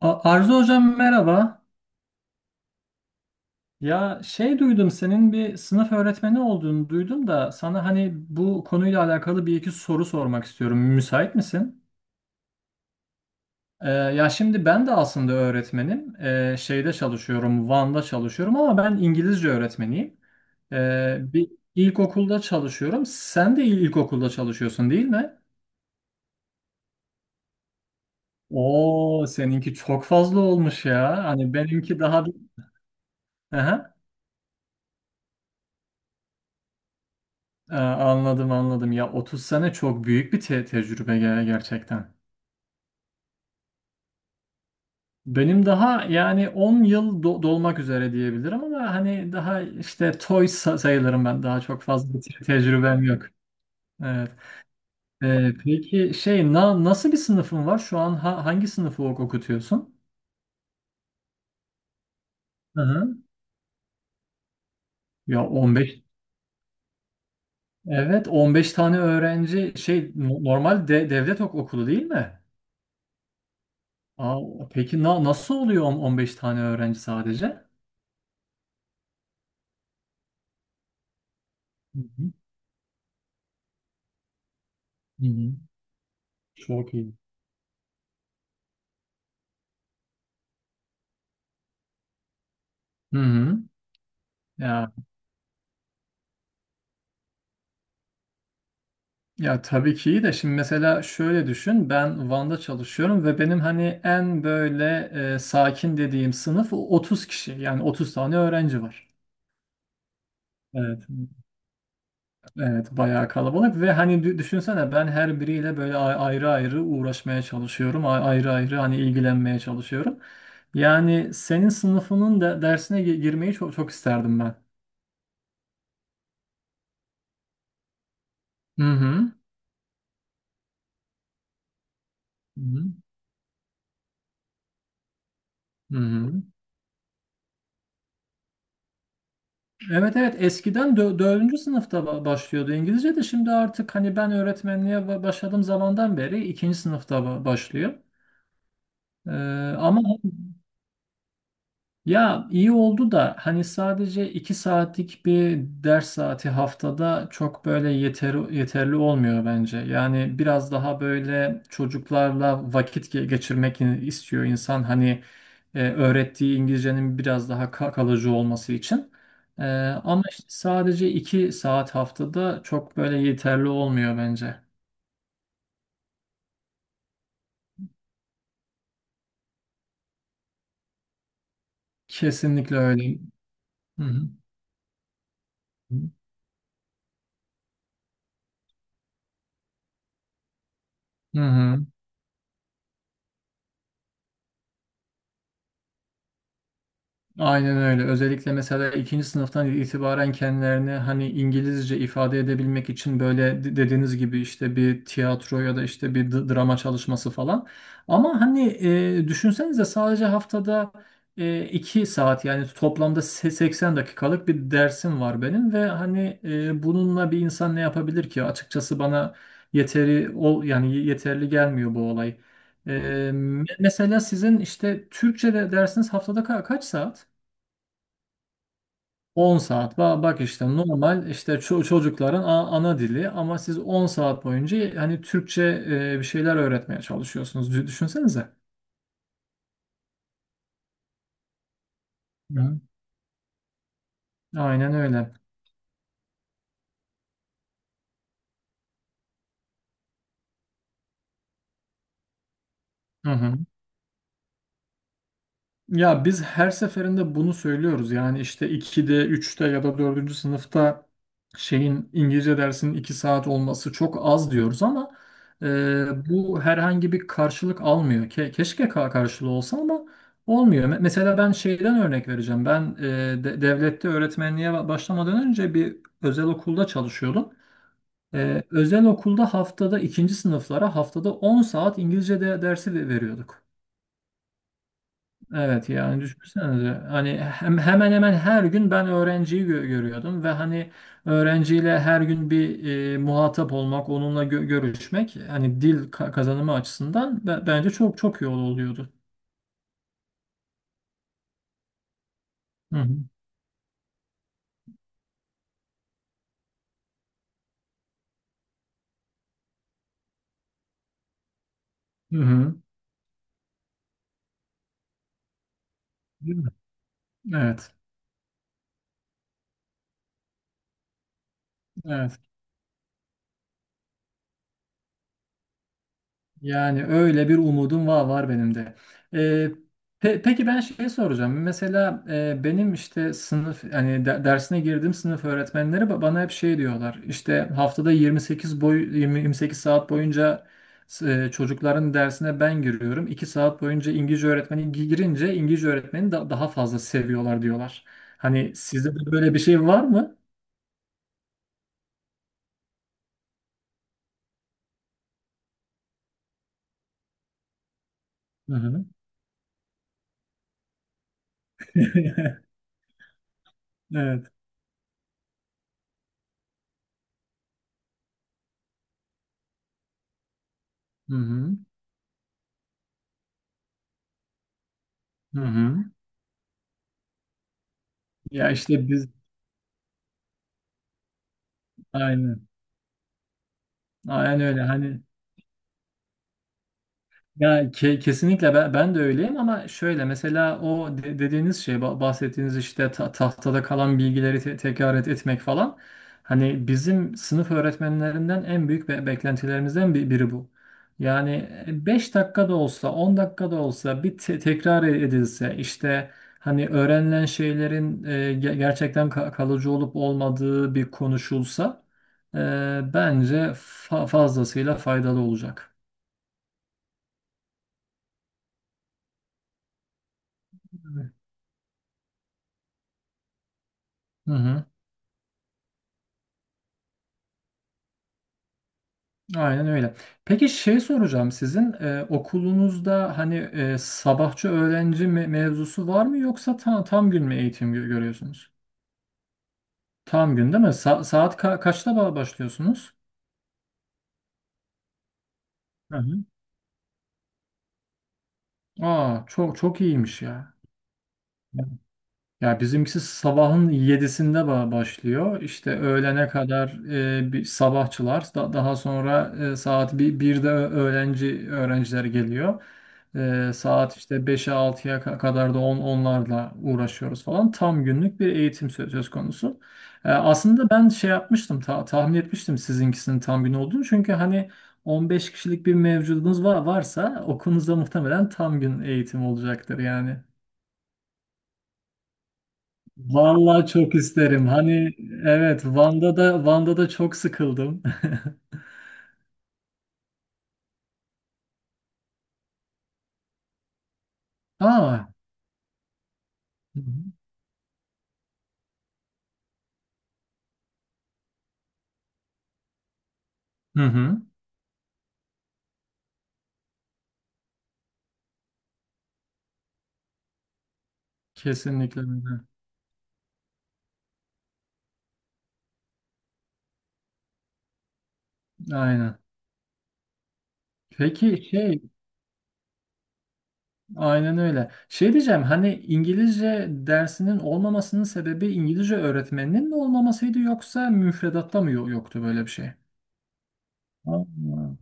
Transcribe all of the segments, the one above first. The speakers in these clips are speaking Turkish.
Arzu hocam, merhaba. Ya şey duydum, senin bir sınıf öğretmeni olduğunu duydum da sana hani bu konuyla alakalı bir iki soru sormak istiyorum. Müsait misin? Ya şimdi ben de aslında öğretmenim. Şeyde çalışıyorum, Van'da çalışıyorum ama ben İngilizce öğretmeniyim. Bir ilkokulda çalışıyorum. Sen de ilkokulda çalışıyorsun, değil mi? Oo, seninki çok fazla olmuş ya. Hani benimki daha... Aha. Aa, anladım anladım. Ya 30 sene çok büyük bir tecrübe gerçekten. Benim daha yani 10 yıl dolmak üzere diyebilirim ama hani daha işte toy sayılırım ben. Daha çok fazla bir tecrübem yok. Evet. Peki şey nasıl bir sınıfın var? Şu an hangi sınıfı okutuyorsun? Hı hı. Ya 15, evet, 15 tane öğrenci şey normal de devlet okulu değil mi? Aa, peki nasıl oluyor, 15 tane öğrenci sadece? Hı hı. Hı hı. Çok iyi. Hı hı. Ya ya, tabii ki iyi de şimdi mesela şöyle düşün, ben Van'da çalışıyorum ve benim hani en böyle sakin dediğim sınıf 30 kişi, yani 30 tane öğrenci var. Evet. Evet, bayağı kalabalık ve hani düşünsene, ben her biriyle böyle ayrı ayrı uğraşmaya çalışıyorum. Ayrı ayrı hani ilgilenmeye çalışıyorum. Yani senin sınıfının da dersine girmeyi çok çok isterdim ben. Hı hı. Hı hı. Hı hı. Evet evet, eskiden dördüncü sınıfta başlıyordu İngilizce de şimdi artık hani ben öğretmenliğe başladığım zamandan beri ikinci sınıfta başlıyor. Ee, ama ya iyi oldu da hani sadece 2 saatlik bir ders saati haftada çok böyle yeterli olmuyor bence. Yani biraz daha böyle çocuklarla vakit geçirmek istiyor insan. Hani öğrettiği İngilizcenin biraz daha kalıcı olması için. E, Ama işte sadece 2 saat haftada çok böyle yeterli olmuyor bence. Kesinlikle öyle. Hı hı. Hı hı. Aynen öyle. Özellikle mesela ikinci sınıftan itibaren kendilerini hani İngilizce ifade edebilmek için böyle dediğiniz gibi işte bir tiyatro ya da işte bir drama çalışması falan. Ama hani düşünsenize, sadece haftada 2 saat, yani toplamda 80 dakikalık bir dersim var benim ve hani bununla bir insan ne yapabilir ki? Açıkçası bana yeteri ol yani yeterli gelmiyor bu olay. E, Mesela sizin işte Türkçe'de dersiniz haftada kaç saat? 10 saat. Bak, işte normal işte çocukların ana dili ama siz 10 saat boyunca hani Türkçe bir şeyler öğretmeye çalışıyorsunuz. Düşünsenize. Hı. Aynen öyle. Hı hı. Ya biz her seferinde bunu söylüyoruz. Yani işte 2'de, üçte ya da dördüncü sınıfta İngilizce dersinin 2 saat olması çok az diyoruz ama e, bu herhangi bir karşılık almıyor. Keşke karşılığı olsa ama olmuyor. Mesela ben şeyden örnek vereceğim. Ben devlette öğretmenliğe başlamadan önce bir özel okulda çalışıyordum. Özel okulda ikinci sınıflara haftada 10 saat İngilizce de dersi veriyorduk. Evet, yani düşünsenize hani hemen hemen her gün ben öğrenciyi görüyordum ve hani öğrenciyle her gün bir muhatap olmak, onunla görüşmek hani dil kazanımı açısından bence çok çok iyi oluyordu. Hı hı. Hı hı. Değil mi? Evet. Evet. Yani öyle bir umudum var benim de. Ee, peki ben şey soracağım. Mesela benim işte sınıf hani dersine girdiğim sınıf öğretmenleri bana hep şey diyorlar. İşte haftada 28 boy 20 28 saat boyunca çocukların dersine ben giriyorum. İki saat boyunca İngilizce öğretmeni girince İngilizce öğretmeni daha fazla seviyorlar diyorlar. Hani sizde de böyle bir şey var mı? Hı hı. Evet. Hı hı. Hı hı. Ya işte biz aynı. Aynen öyle, hani ya kesinlikle ben de öyleyim ama şöyle mesela o dediğiniz şey bahsettiğiniz işte tahtada kalan bilgileri tekrar etmek falan, hani bizim sınıf öğretmenlerinden en büyük beklentilerimizden biri bu. Yani 5 dakika da olsa, 10 dakika da olsa bir tekrar edilse, işte hani öğrenilen şeylerin gerçekten kalıcı olup olmadığı bir konuşulsa e, bence fazlasıyla faydalı olacak. Hı hı, aynen öyle. Peki şey soracağım, sizin okulunuzda hani sabahçı öğrenci mevzusu var mı, yoksa tam gün mü eğitim görüyorsunuz? Tam gün değil mi? Saat kaçta başlıyorsunuz? Hı hı. Aa, çok çok iyiymiş ya. Ya bizimkisi sabahın yedisinde başlıyor. İşte öğlene kadar bir sabahçılar, daha sonra saat 1'de öğrenciler geliyor. Saat işte beşe altıya kadar da onlarla uğraşıyoruz falan. Tam günlük bir eğitim söz konusu. Aslında ben şey yapmıştım, tahmin etmiştim sizinkisinin tam gün olduğunu. Çünkü hani 15 kişilik bir mevcudunuz varsa okulunuzda muhtemelen tam gün eğitim olacaktır yani. Vallahi çok isterim. Hani evet, Van'da da çok sıkıldım. Aa. Hı hı. Kesinlikle öyle. Aynen. Peki şey, aynen öyle. Şey diyeceğim, hani İngilizce dersinin olmamasının sebebi İngilizce öğretmeninin mi olmamasıydı, yoksa müfredatta mı yoktu böyle bir şey? Aa.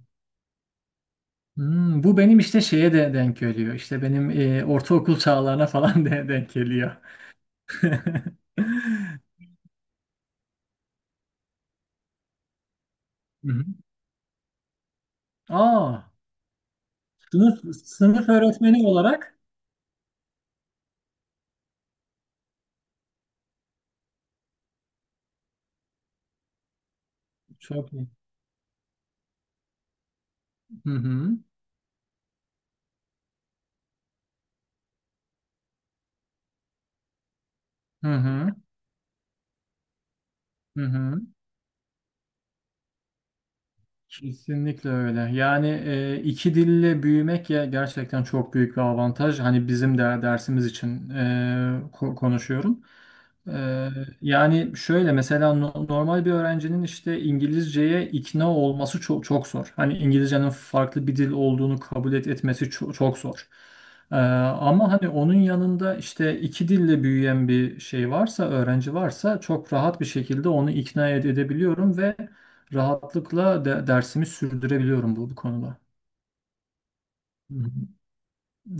Hmm, bu benim işte şeye de denk geliyor. İşte benim ortaokul çağlarına falan de denk geliyor. Hı hı. Aa. Sınıf öğretmeni olarak çok iyi. Hı hı. Hı hı. Hı hı. Kesinlikle öyle. Yani iki dille büyümek ya gerçekten çok büyük bir avantaj. Hani bizim de dersimiz için konuşuyorum. Ee, Yani şöyle mesela normal bir öğrencinin işte İngilizceye ikna olması çok çok zor. Hani İngilizcenin farklı bir dil olduğunu kabul etmesi çok, çok zor. Ama hani onun yanında işte iki dille büyüyen bir şey varsa, öğrenci varsa çok rahat bir şekilde onu ikna edebiliyorum ve rahatlıkla dersimi sürdürebiliyorum bu konuda.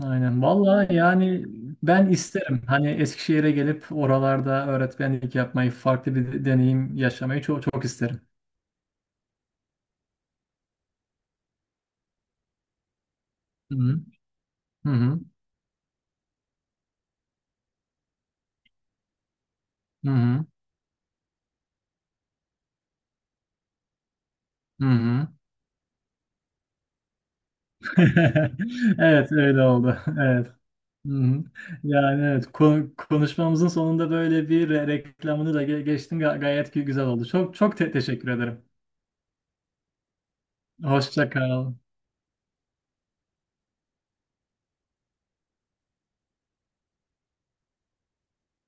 Aynen. Vallahi yani ben isterim. Hani Eskişehir'e gelip oralarda öğretmenlik yapmayı, farklı bir deneyim yaşamayı çok çok isterim. Hı hı. Hı hı. Hı hı. Hı hı. Evet öyle oldu. Evet. Hı hı. Yani evet, konuşmamızın sonunda böyle bir reklamını da geçtim. Gayet güzel oldu. Çok çok teşekkür ederim. Hoşça kal.